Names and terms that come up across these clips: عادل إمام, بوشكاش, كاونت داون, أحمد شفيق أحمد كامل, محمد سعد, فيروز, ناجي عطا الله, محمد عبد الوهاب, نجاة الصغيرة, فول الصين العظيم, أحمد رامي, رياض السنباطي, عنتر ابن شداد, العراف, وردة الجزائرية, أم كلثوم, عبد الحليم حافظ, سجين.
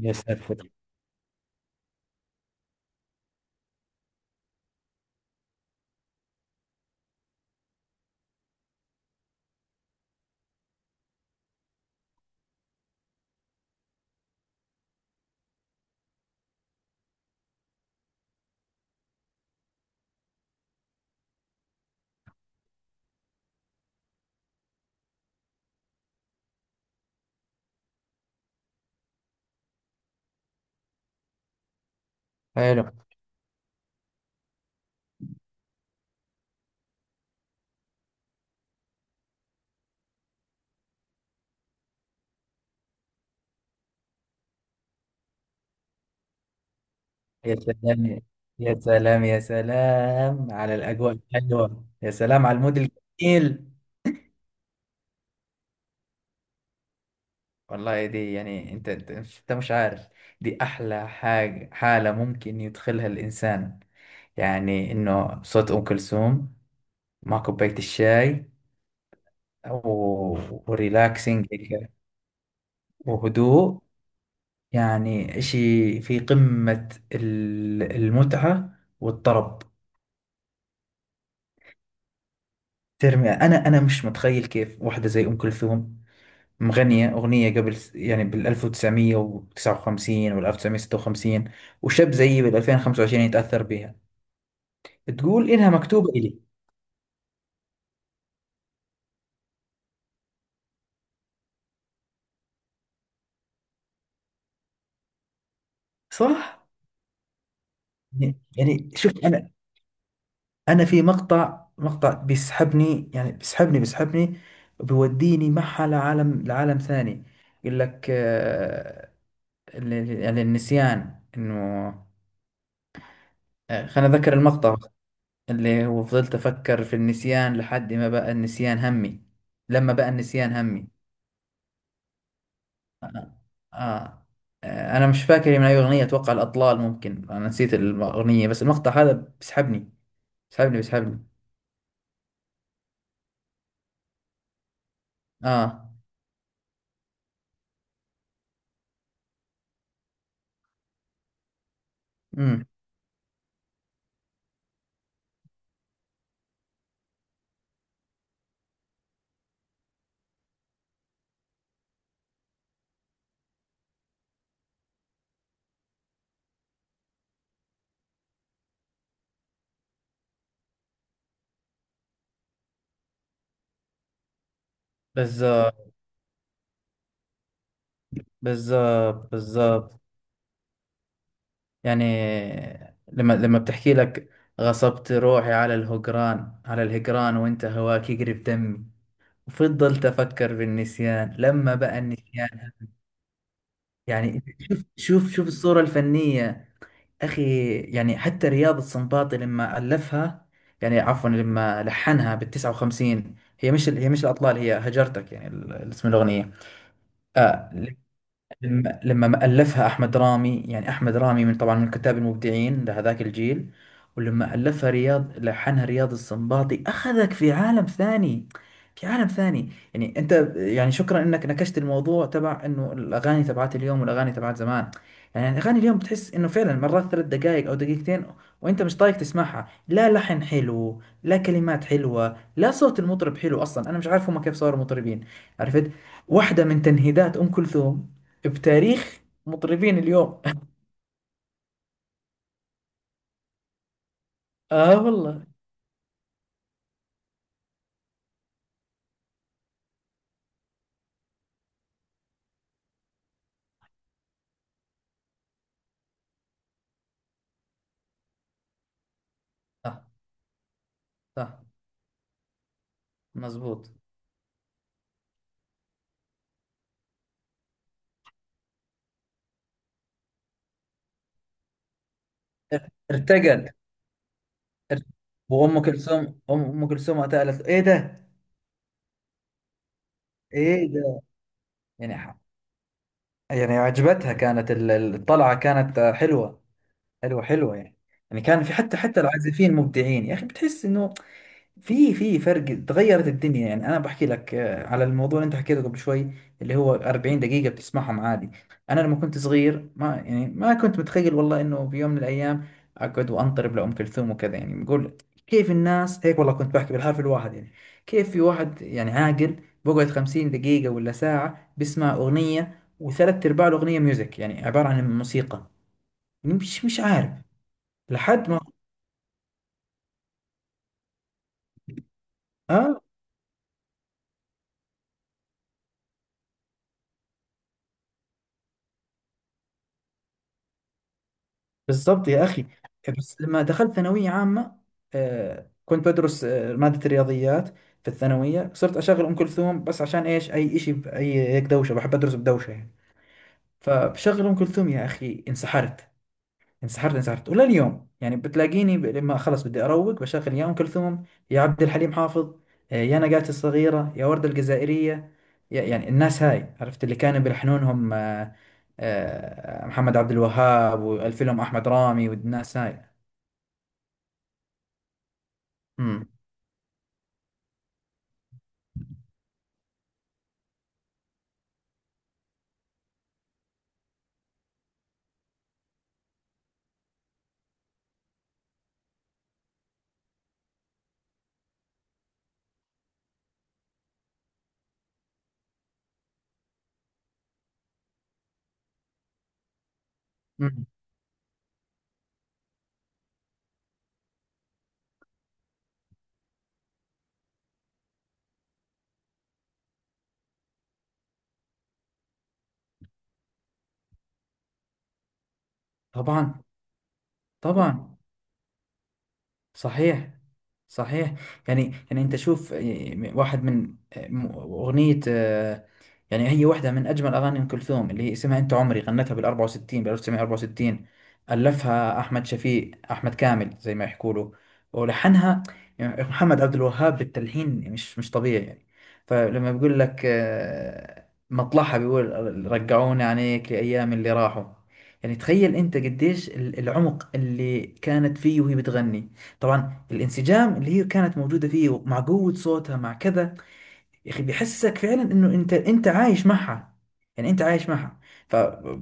يا ساتر. حلو. يا سلام، يا سلام، يا سلام على الأجواء الحلوة، يا سلام على المود الجميل. والله دي يعني أنت مش عارف، دي أحلى حاجة، حالة ممكن يدخلها الإنسان، يعني إنه صوت أم كلثوم مع كوباية الشاي و- وريلاكسينج هيك وهدوء، يعني إشي في قمة المتعة والطرب. ترمي انا مش متخيل كيف واحده زي ام كلثوم مغنيه اغنيه يعني بال 1959 وال 1956، وشاب زيي بال 2025 يتاثر بها، تقول انها مكتوبه الي. صح. يعني يعني شوف انا، انا في مقطع بيسحبني، يعني بيسحبني، وبيوديني معها لعالم ثاني. يقول لك يعني النسيان انه، خلينا اتذكر المقطع، اللي وفضلت أفكر في النسيان لحد ما بقى النسيان همي، لما بقى النسيان همي. آه. آه. أنا مش فاكر من أي أغنية، أتوقع الأطلال، ممكن أنا نسيت الأغنية بس المقطع هذا بيسحبني، بيسحبني. آه. أمم بالظبط، بالظبط، بالظبط. يعني لما بتحكي لك غصبت روحي على الهجران، على الهجران، وانت هواك يقرب دمي، وفضلت أفكر بالنسيان لما بقى النسيان. يعني شوف شوف شوف الصورة الفنية، أخي. يعني حتى رياض السنباطي لما ألفها، يعني عفوا لما لحنها بال 59، هي مش الأطلال، هي هجرتك، يعني اسم الأغنية. آه. لما لما ما ألفها أحمد رامي، يعني أحمد رامي من طبعا من الكتاب المبدعين لهذاك الجيل، ولما ألفها رياض، لحنها رياض السنباطي، أخذك في عالم ثاني، في عالم ثاني. يعني أنت، يعني شكرا أنك نكشت الموضوع تبع أنه الأغاني تبعت اليوم والأغاني تبعت زمان. يعني الأغاني اليوم بتحس أنه فعلا مرات ثلاث دقائق أو دقيقتين، وأنت مش طايق تسمعها، لا لحن حلو، لا كلمات حلوة، لا صوت المطرب حلو، أصلا أنا مش عارف هم كيف صاروا مطربين. عرفت، واحدة من تنهيدات أم كلثوم بتاريخ مطربين اليوم. اه والله. صح. صح مظبوط. ارتجل. وام كلثوم، أم كلثوم وقتها قالت له، ايه ده، ايه ده. يعني ح- يعني عجبتها، كانت الطلعه كانت حلوه، حلوه حلوه يعني. يعني كان في حتى العازفين مبدعين يا اخي، بتحس انه في فرق، تغيرت الدنيا. يعني انا بحكي لك على الموضوع اللي انت حكيته قبل شوي، اللي هو 40 دقيقة بتسمعهم عادي. انا لما كنت صغير ما يعني ما كنت متخيل والله انه في يوم من الايام اقعد وانطرب لأم كلثوم وكذا، يعني بقول كيف الناس هيك، والله كنت بحكي بالحرف الواحد، يعني كيف في واحد يعني عاقل بقعد 50 دقيقة ولا ساعة بسمع أغنية، وثلاث أرباع الأغنية ميوزك، يعني عبارة عن موسيقى. مش عارف لحد ما. اه. بالظبط يا أخي. بس لما دخلت ثانوية عامة، كنت بدرس مادة الرياضيات في الثانوية، صرت أشغل أم كلثوم بس عشان إيش أي إشي بأي هيك دوشة، بحب أدرس بدوشة يعني. فبشغل أم كلثوم يا أخي، انسحرت انسحرت انسحرت. ولا اليوم يعني بتلاقيني لما خلص بدي اروق بشغل يا ام كلثوم، يا عبد الحليم حافظ، يا نجاة الصغيرة، يا وردة الجزائرية، يعني الناس هاي، عرفت اللي كانوا بيلحنونهم، محمد عبد الوهاب والفيلم احمد رامي والناس هاي. امم أمم. طبعا. طبعا. صحيح. صحيح. يعني يعني انت شوف، واحد من اغنية، يعني هي واحدة من أجمل أغاني أم كلثوم، اللي هي اسمها أنت عمري، غنتها بال 64، بال 1964. ألفها أحمد شفيق، أحمد كامل زي ما يحكوا له، ولحنها يعني محمد عبد الوهاب، بالتلحين مش مش طبيعي يعني. فلما بيقول لك مطلعها، بيقول رجعوني عليك لأيام اللي راحوا. يعني تخيل أنت قديش العمق اللي كانت فيه وهي بتغني، طبعا الانسجام اللي هي كانت موجودة فيه مع قوة صوتها مع كذا، يا اخي بيحسسك فعلا انه انت عايش معها، يعني انت عايش معها. ف،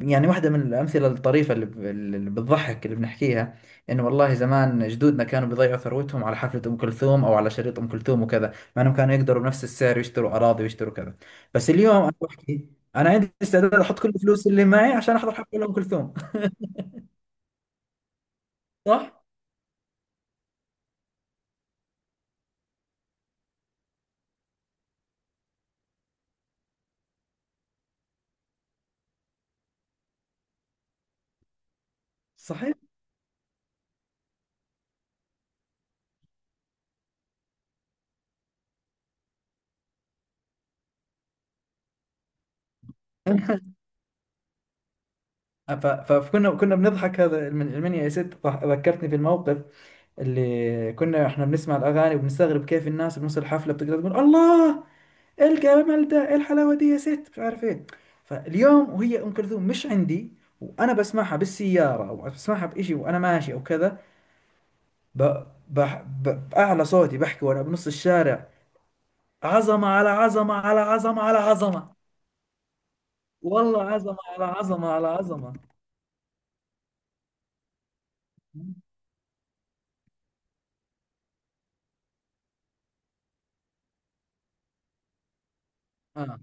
يعني واحده من الامثله الطريفه اللي بتضحك اللي بنحكيها، انه والله زمان جدودنا كانوا بيضيعوا ثروتهم على حفله ام كلثوم او على شريط ام كلثوم وكذا، مع انهم كانوا يقدروا بنفس السعر يشتروا اراضي ويشتروا كذا. بس اليوم انا بحكي انا عندي استعداد احط كل الفلوس اللي معي عشان احضر حفله ام كلثوم. صح. صحيح. فكنا كنا بنضحك هذا المنيا يا ست، ذكرتني في الموقف اللي كنا احنا بنسمع الاغاني وبنستغرب كيف الناس بنص الحفله بتقدر تقول الله، ايه الجمال ده، ايه الحلاوه دي يا ست، مش عارف ايه. فاليوم وهي ام كلثوم مش عندي، وانا بسمعها بالسياره او بسمعها بإشي وانا ماشي او كذا، ب... باعلى صوتي بحكي وانا بنص الشارع، عظمه على عظمه على عظمه على عظمه. والله عظمه على عظمه على عظمه. اه.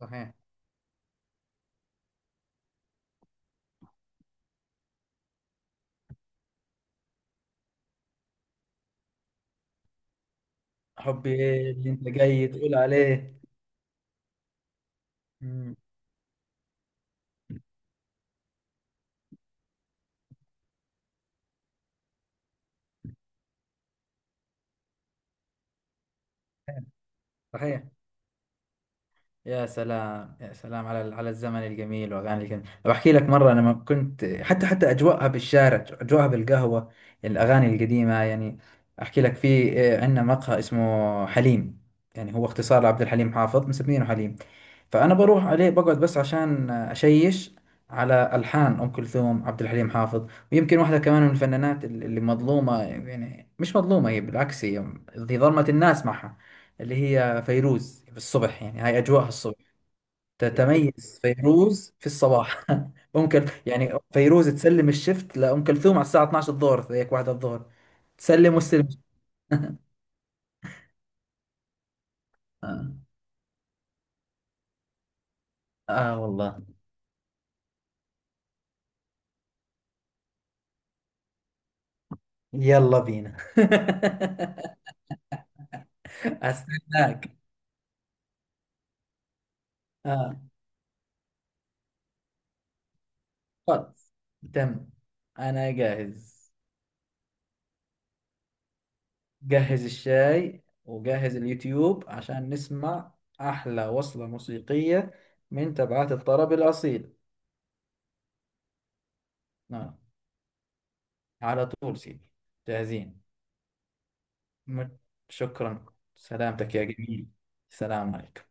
صحيح. حبي إيه اللي انت جاي تقول عليه. مم. صحيح. يا سلام، يا سلام على على الزمن الجميل واغاني الجميل. بحكي لك مره، انا ما كنت حتى اجواءها بالشارع، اجواءها بالقهوه، الاغاني القديمه يعني. احكي لك، في عندنا مقهى اسمه حليم، يعني هو اختصار لعبد الحليم حافظ، مسمينه حليم. فانا بروح عليه بقعد بس عشان اشيش على الحان ام كلثوم، عبد الحليم حافظ. ويمكن واحده كمان من الفنانات اللي مظلومه، يعني مش مظلومه، هي بالعكس، هي هي ظلمت الناس معها، اللي هي فيروز، بالصبح يعني هاي اجواءها الصبح، تتميز فيروز في الصباح. ام كلثوم يعني، فيروز تسلم الشفت لام كلثوم على الساعه 12 الظهر، هيك واحده الظهر، تسلم واستلم. آه. اه والله. يلا بينا. استناك. اه خلاص، تم، انا جاهز. جهز الشاي وجهز اليوتيوب عشان نسمع احلى وصلة موسيقية من تبعات الطرب الاصيل. آه. على طول سيدي، جاهزين. مت- شكرا، سلامتك يا جميل. سلام عليكم.